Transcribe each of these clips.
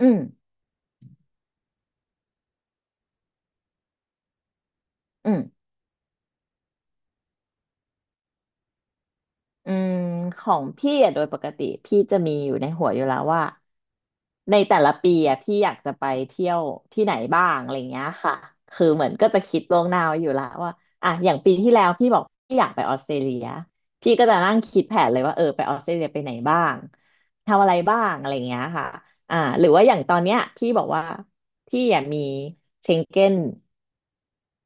อืมอืมอืมของพี่อะโดยปกติพี่จะมีอยู่ในหัวอยู่แล้วว่าในแต่ละปีอะพี่อยากจะไปเที่ยวที่ไหนบ้างอะไรเงี้ยค่ะคือเหมือนก็จะคิดล่วงหน้าไว้อยู่แล้วว่าอ่ะอย่างปีที่แล้วพี่บอกพี่อยากไปออสเตรเลียพี่ก็จะนั่งคิดแผนเลยว่าเออไปออสเตรเลียไปไหนบ้างทำอะไรบ้างอะไรเงี้ยค่ะอ่าหรือว่าอย่างตอนเนี้ยพี่บอกว่าพี่อ่ะมีเชงเก้น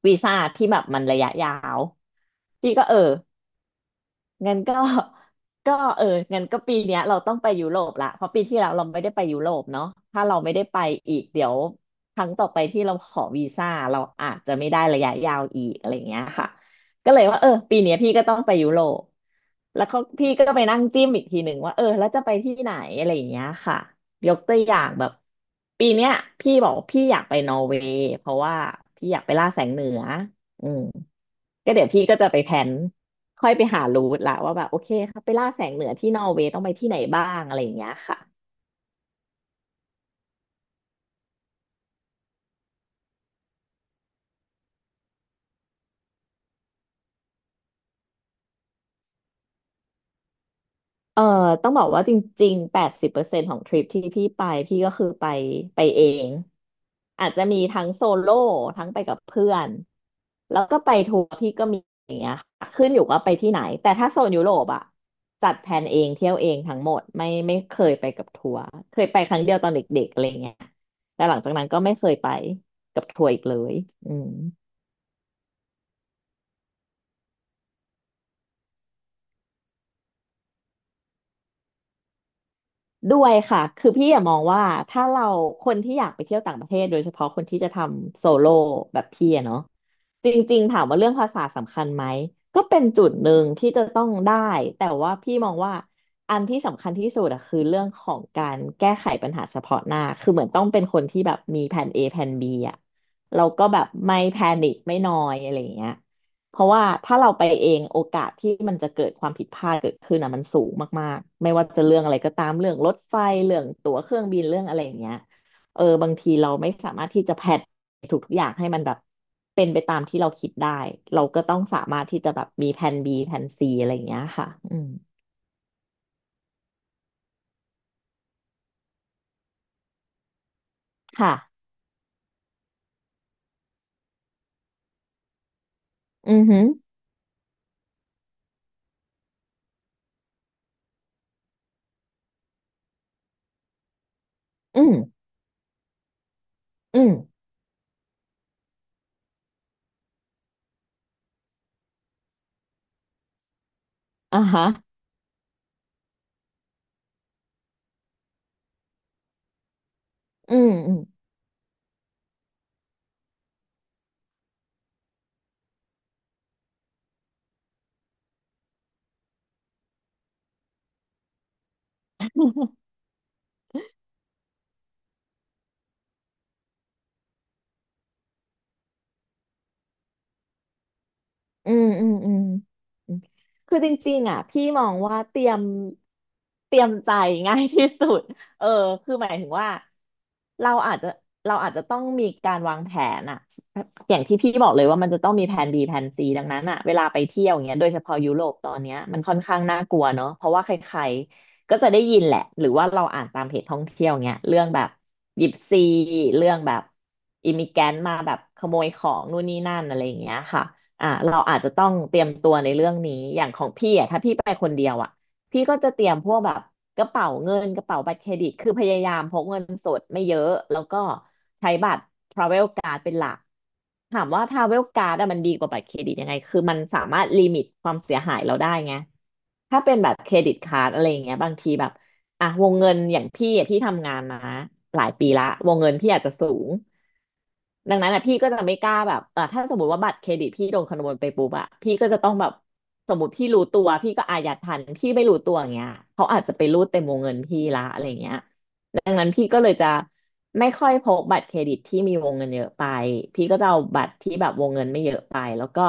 วีซ่าที่แบบมันระยะยาวพี่ก็เออ งั้นก็ ก็เอองั้นก็ปีเนี้ยเราต้องไปยุโรปละเพราะปีที่แล้วเราไม่ได้ไปยุโรปเนาะถ้าเราไม่ได้ไปอีกเดี๋ยวครั้งต่อไปที่เราขอวีซ่าเราอาจจะไม่ได้ระยะยาวอีกอะไรเงี้ยค่ะก็เลยว่าเออปีเนี้ยพี่ก็ต้องไปยุโรปแล้วก็พี่ก็ไปนั่งจิ้มอีกทีหนึ่งว่าเออแล้วจะไปที่ไหนอะไรอย่างเงี้ยค่ะยกตัวอย่างแบบปีเนี้ยพี่บอกว่าพี่อยากไปนอร์เวย์เพราะว่าพี่อยากไปล่าแสงเหนืออืมก็เดี๋ยวพี่ก็จะไปแพลน ค่อยไปหารูทละว่าแบบโอเคครับไปล่าแสงเหนือที่นอร์เวย์ต้องไปที่ไหนบ้างอะไรอย่างเงี้ยค่ะเอ่อต้องบอกว่าจริงๆ80%ของทริปที่พี่ไปพี่ก็คือไปเองอาจจะมีทั้งโซโล่ทั้งไปกับเพื่อนแล้วก็ไปทัวร์พี่ก็มีขึ้นอยู่ว่าไปที่ไหนแต่ถ้าโซนยุโรปอะจัดแผนเองเที่ยวเองทั้งหมดไม่เคยไปกับทัวร์เคยไปครั้งเดียวตอนเด็กๆอะไรเงี้ยแต่หลังจากนั้นก็ไม่เคยไปกับทัวร์อีกเลยอืม ด้วยค่ะคือพี่อะมองว่าถ้าเราคนที่อยากไปเที่ยวต่างประเทศโดยเฉพาะคนที่จะทำโซโล่แบบพี่อะเนาะจริงๆถามว่าเรื่องภาษาสำคัญไหมก็เป็นจุดหนึ่งที่จะต้องได้แต่ว่าพี่มองว่าอันที่สำคัญที่สุดอะคือเรื่องของการแก้ไขปัญหาเฉพาะหน้าคือเหมือนต้องเป็นคนที่แบบมีแผน A แผน B อะเราก็แบบไม่แพนิคไม่นอยอะไรอย่างเงี้ย เพราะว่าถ้าเราไปเองโอกาสที่มันจะเกิดความผิดพลาดเกิดขึ้นอ่ะมันสูงมากๆไม่ว่าจะเรื่องอะไรก็ตามเรื่องรถไฟเรื่องตั๋วเครื่องบินเรื่องอะไรอย่างเงี้ยเออบางทีเราไม่สามารถที่จะแพลนทุกๆอย่างให้มันแบบเป็นไปตามที่เราคิดได้เราก็ต้องสามารถที่จะแบบมีแผน B แผน C อะไรอย่างเงี้ยค่ะอืมค่ะอือหืออืมอืมอ่าฮะอืมอืม อืมอืมอืมอืมคือจริงๆอ่ะพี่มองว่าเตรียมใจง่ายที่สุดเออคือหมายถึงว่าเราอาจจะเราอาจจะต้องมีการวางแผนอ่ะอย่างที่พี่บอกเลยว่ามันจะต้องมีแผน B แผน C ดังนั้นอ่ะเวลาไปเที่ยวอย่างเงี้ยโดยเฉพาะยุโรปตอนเนี้ยมันค่อนข้างน่ากลัวเนอะเพราะว่าใครๆก็จะได้ยินแหละหรือว่าเราอ่านตามเพจท่องเที่ยวเงี้ยเรื่องแบบยิปซีเรื่องแบบอิมิแกนมาแบบขโมยของนู่นนี่นั่นอะไรอย่างเงี้ยค่ะ อ่าเราอาจจะต้องเตรียมตัวในเรื่องนี้อย่างของพี่อ่ะถ้าพี่ไปคนเดียวอ่ะพี่ก็จะเตรียมพวกแบบกระเป๋าเงินกระเป๋าบัตรเครดิตคือพยายามพกเงินสดไม่เยอะแล้วก็ใช้บัตรทราเวลการ์เป็นหลักถามว่าทราเวลการ d ดอะมันดีกว่าบัตรเครดิตยังไงคือมันสามารถลิมิตความเสียหายเราได้ไงถ้าเป็นแบบเครดิตการ์ดอะไรอย่างเงี้ยบางทีแบบอ่ะวงเงินอย่างพี่อะที่ทำงานมาหลายปีละวงเงินพี่อาจจะสูง ดังนั้นอ่ะพี่ก็จะไม่กล้าแบบเออถ้าสมมติว่าบัตรเครดิตพี่โดนขโมยไปปุ๊บอ่ะพี่ก็จะต้องแบบสมมติพี่รู้ตัวพี่ก็อายัดทันพี่ไม่รู้ตัวอย่างเงี้ยเขาอาจจะไปรูดเต็มวงเงินพี่ละอะไรเงี้ยดังนั้นพี่ก็เลยจะไม่ค่อยพกบัตรเครดิตที่มีวงเงินเยอะไปพี่ก็จะเอาบัตรที่แบบวงเงินไม่เยอะไปแล้วก็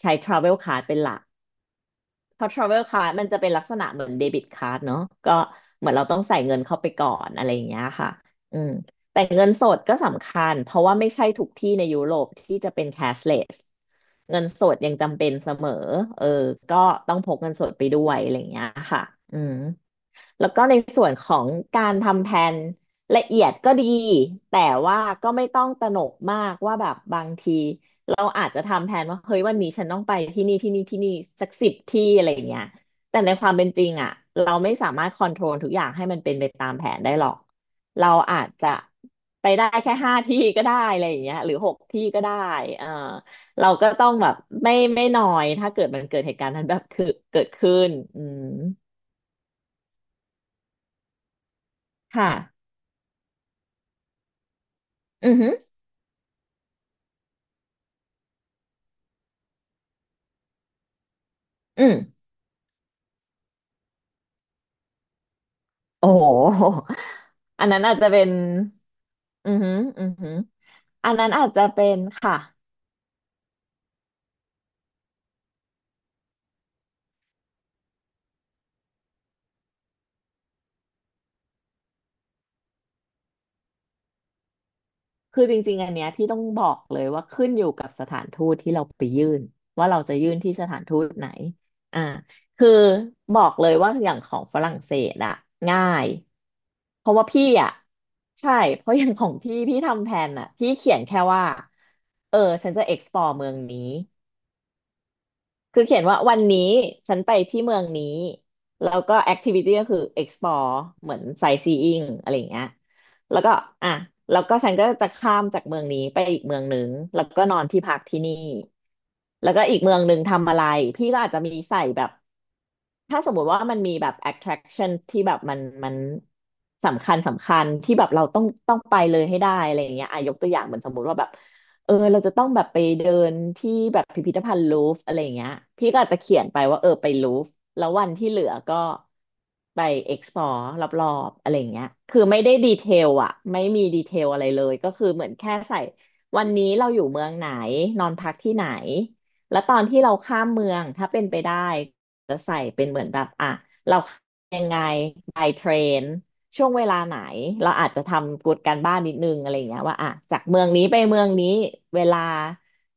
ใช้ travel card เป็นหลัก เพราะ travel card มันจะเป็นลักษณะเหมือนเดบิตกา r d เนอะก็เหมือนเราต้องใส่เงินเข้าไปก่อนอะไรอย่างเงี้ยค่ะอืมแต่เงินสดก็สำคัญเพราะว่าไม่ใช่ทุกที่ในยุโรปที่จะเป็น cashless เงินสดยังจำเป็นเสมอเออก็ต้องพกเงินสดไปด้วยอะไรอย่างเงี้ยค่ะอืม แล้วก็ในส่วนของการทำแผนละเอียดก็ดีแต่ว่าก็ไม่ต้องตระหนกมากว่าแบบบางทีเราอาจจะทำแผนว่าเฮ้ยวันนี้ฉันต้องไปที่นี่ที่นี่ที่นี่สักสิบที่อะไรอย่างเงี้ยแต่ในความเป็นจริงอ่ะเราไม่สามารถคอนโทรลทุกอย่างให้มันเป็นไปตามแผนได้หรอกเราอาจจะไปได้แค่5 ที่ก็ได้อะไรอย่างเงี้ยหรือหกที่ก็ได้เออเราก็ต้องแบบไม่นอยถ้าเกิดมันเกิดเหตุการณ์นั้นแบบคือเกิดขึ้นอืมค่ะอือฮึ อืมโอ้โหอันนั้นอาจจะเป็นอือหืออือหืออันนั้นอาจจะเป็นค่ะคือจริงๆอันเนี้ยพี่ต้องบอกเลยว่าขึ้นอยู่กับสถานทูตที่เราไปยื่นว่าเราจะยื่นที่สถานทูตไหนอ่าคือบอกเลยว่าอย่างของฝรั่งเศสอะง่ายเพราะว่าพี่อะใช่เพราะอย่างของพี่ทำแผนอะพี่เขียนแค่ว่าเออฉันจะ explore เมืองนี้ คือเขียนว่าวันนี้ฉันไปที่เมืองนี้แล้วก็แอคทิวิตี้ก็คือ explore เหมือน sightseeing อะไรอย่างเงี้ยแล้วก็อ่ะแล้วก็ฉันก็จะข้ามจากเมืองนี้ไปอีกเมืองหนึ่งแล้วก็นอนที่พักที่นี่แล้วก็อีกเมืองหนึ่งทำอะไรพี่ก็อาจจะมีใส่แบบ ถ้าสมมุติว่ามันมีแบบ attraction ที่แบบมันสำคัญที่แบบเราต้องไปเลยให้ได้อะไรอย่างเงี้ยอ่ะยกตัวอย่างเหมือนสมมุติว่าแบบเราจะต้องแบบไปเดินที่แบบพิพิธภัณฑ์ลูฟร์อะไรอย่างเงี้ยพี่ก็อาจจะเขียนไปว่าไปลูฟร์แล้ววันที่เหลือก็ไป explore รอบๆอะไรอย่างเงี้ยคือไม่ได้ดีเทลอะไม่มีดีเทลอะไรเลยก็คือเหมือนแค่ใส่วันนี้เราอยู่เมืองไหนนอนพักที่ไหนแล้วตอนที่เราข้ามเมืองถ้าเป็นไปได้ จะใส่เป็นเหมือนแบบอ่ะเรายังไง by train ช่วงเวลาไหนเราอาจจะทำกูดการบ้านนิดนึงอะไรอย่างเงี้ยว่าอ่ะจากเมืองนี้ไปเมืองนี้เวลา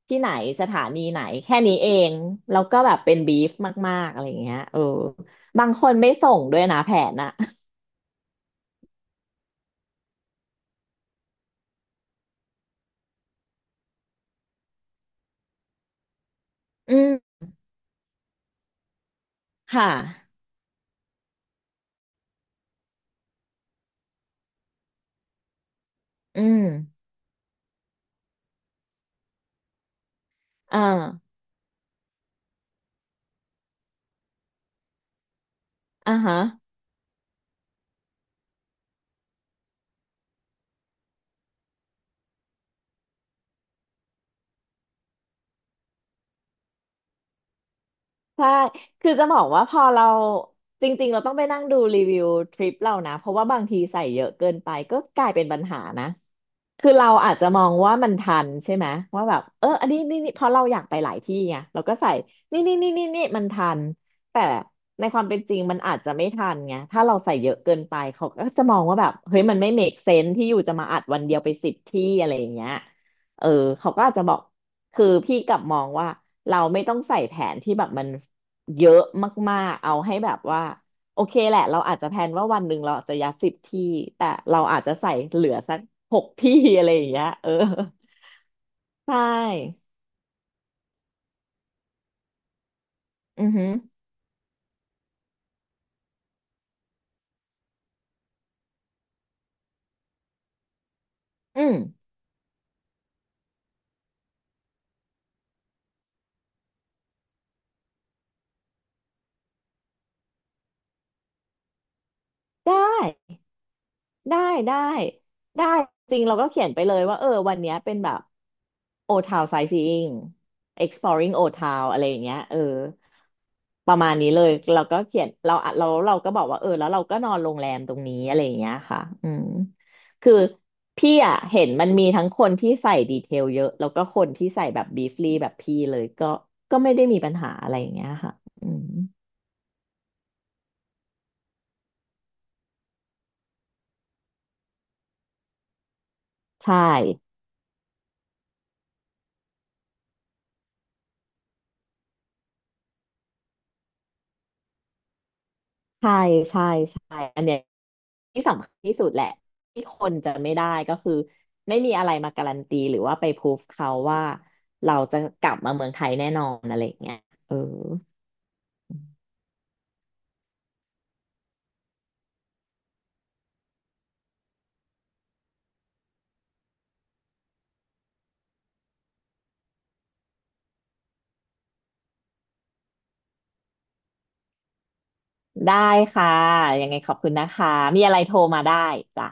ที่ไหนสถานีไหนแค่นี้เองแล้วก็แบบเป็นบีฟมากๆอะไรอย่างเงี้ยบางคนไม่ส่งด้วยนะแผนอะอืมค่ะอืมอ่าอ่าฮะใช่คือจะบอกว่าพอเราจริงๆเราต้องไปนั่งดูรีวิวทริปเรานะเพราะว่าบางทีใส่เยอะเกินไปก็กลายเป็นปัญหานะ คือเราอาจจะมองว่ามันทันใช่ไหมว่าแบบอันนี้นี่นี่เพราะเราอยากไปหลายที่ไงเราก็ใส่นี่นี่นี่นี่นี่มันทันแต่ในความเป็นจริงมันอาจจะไม่ทันไงถ้าเราใส่เยอะเกินไปเขาก็จะมองว่าแบบเฮ้ยมันไม่ make sense ที่อยู่จะมาอัดวันเดียวไปสิบที่อะไรอย่างเงี้ยเออเขาก็อาจจะบอกคือพี่กลับมองว่าเราไม่ต้องใส่แผนที่แบบมันเยอะมากๆเอาให้แบบว่า โอเคแหละเราอาจจะแพลนว่าวันหนึ่งเราอาจจะยัดสิบที่แต่เราอาจจะใส่เหลือสักหกที่ อะไรอย่างเงี้ยใช่อือหืออืมได้ได้ได้ได้จริงเราก็เขียนไปเลยว่าวันเนี้ยเป็นแบบ โอทาวไซซิ่ง exploring โอทาวอะไรอย่างเงี้ยประมาณนี้เลยเราก็เขียนเราก็บอกว่าแล้วเราก็นอนโรงแรมตรงนี้อะไรอย่างเงี้ยค่ะอืมคือพี่อ่ะเห็นมันมีทั้งคนที่ใส่ดีเทลเยอะแล้วก็คนที่ใส่แบบบีฟลีแบบพี่เลยก็ไม่ได้มีปัญหาอะไรอย่างเงี้ยค่ะอืมใช่ใช่ใช่ใช่อันเนี้ย ที่สำคัญที่สุดแหละที่คนจะไม่ได้ก็คือไม่มีอะไรมาการันตีหรือว่าไปพรูฟเขาว่าเราจะกลับมาเมืองไทยแน่นอนอะไรอย่างเงี้ยเออได้ค่ะยังไงขอบคุณนะคะมีอะไรโทรมาได้จ้ะ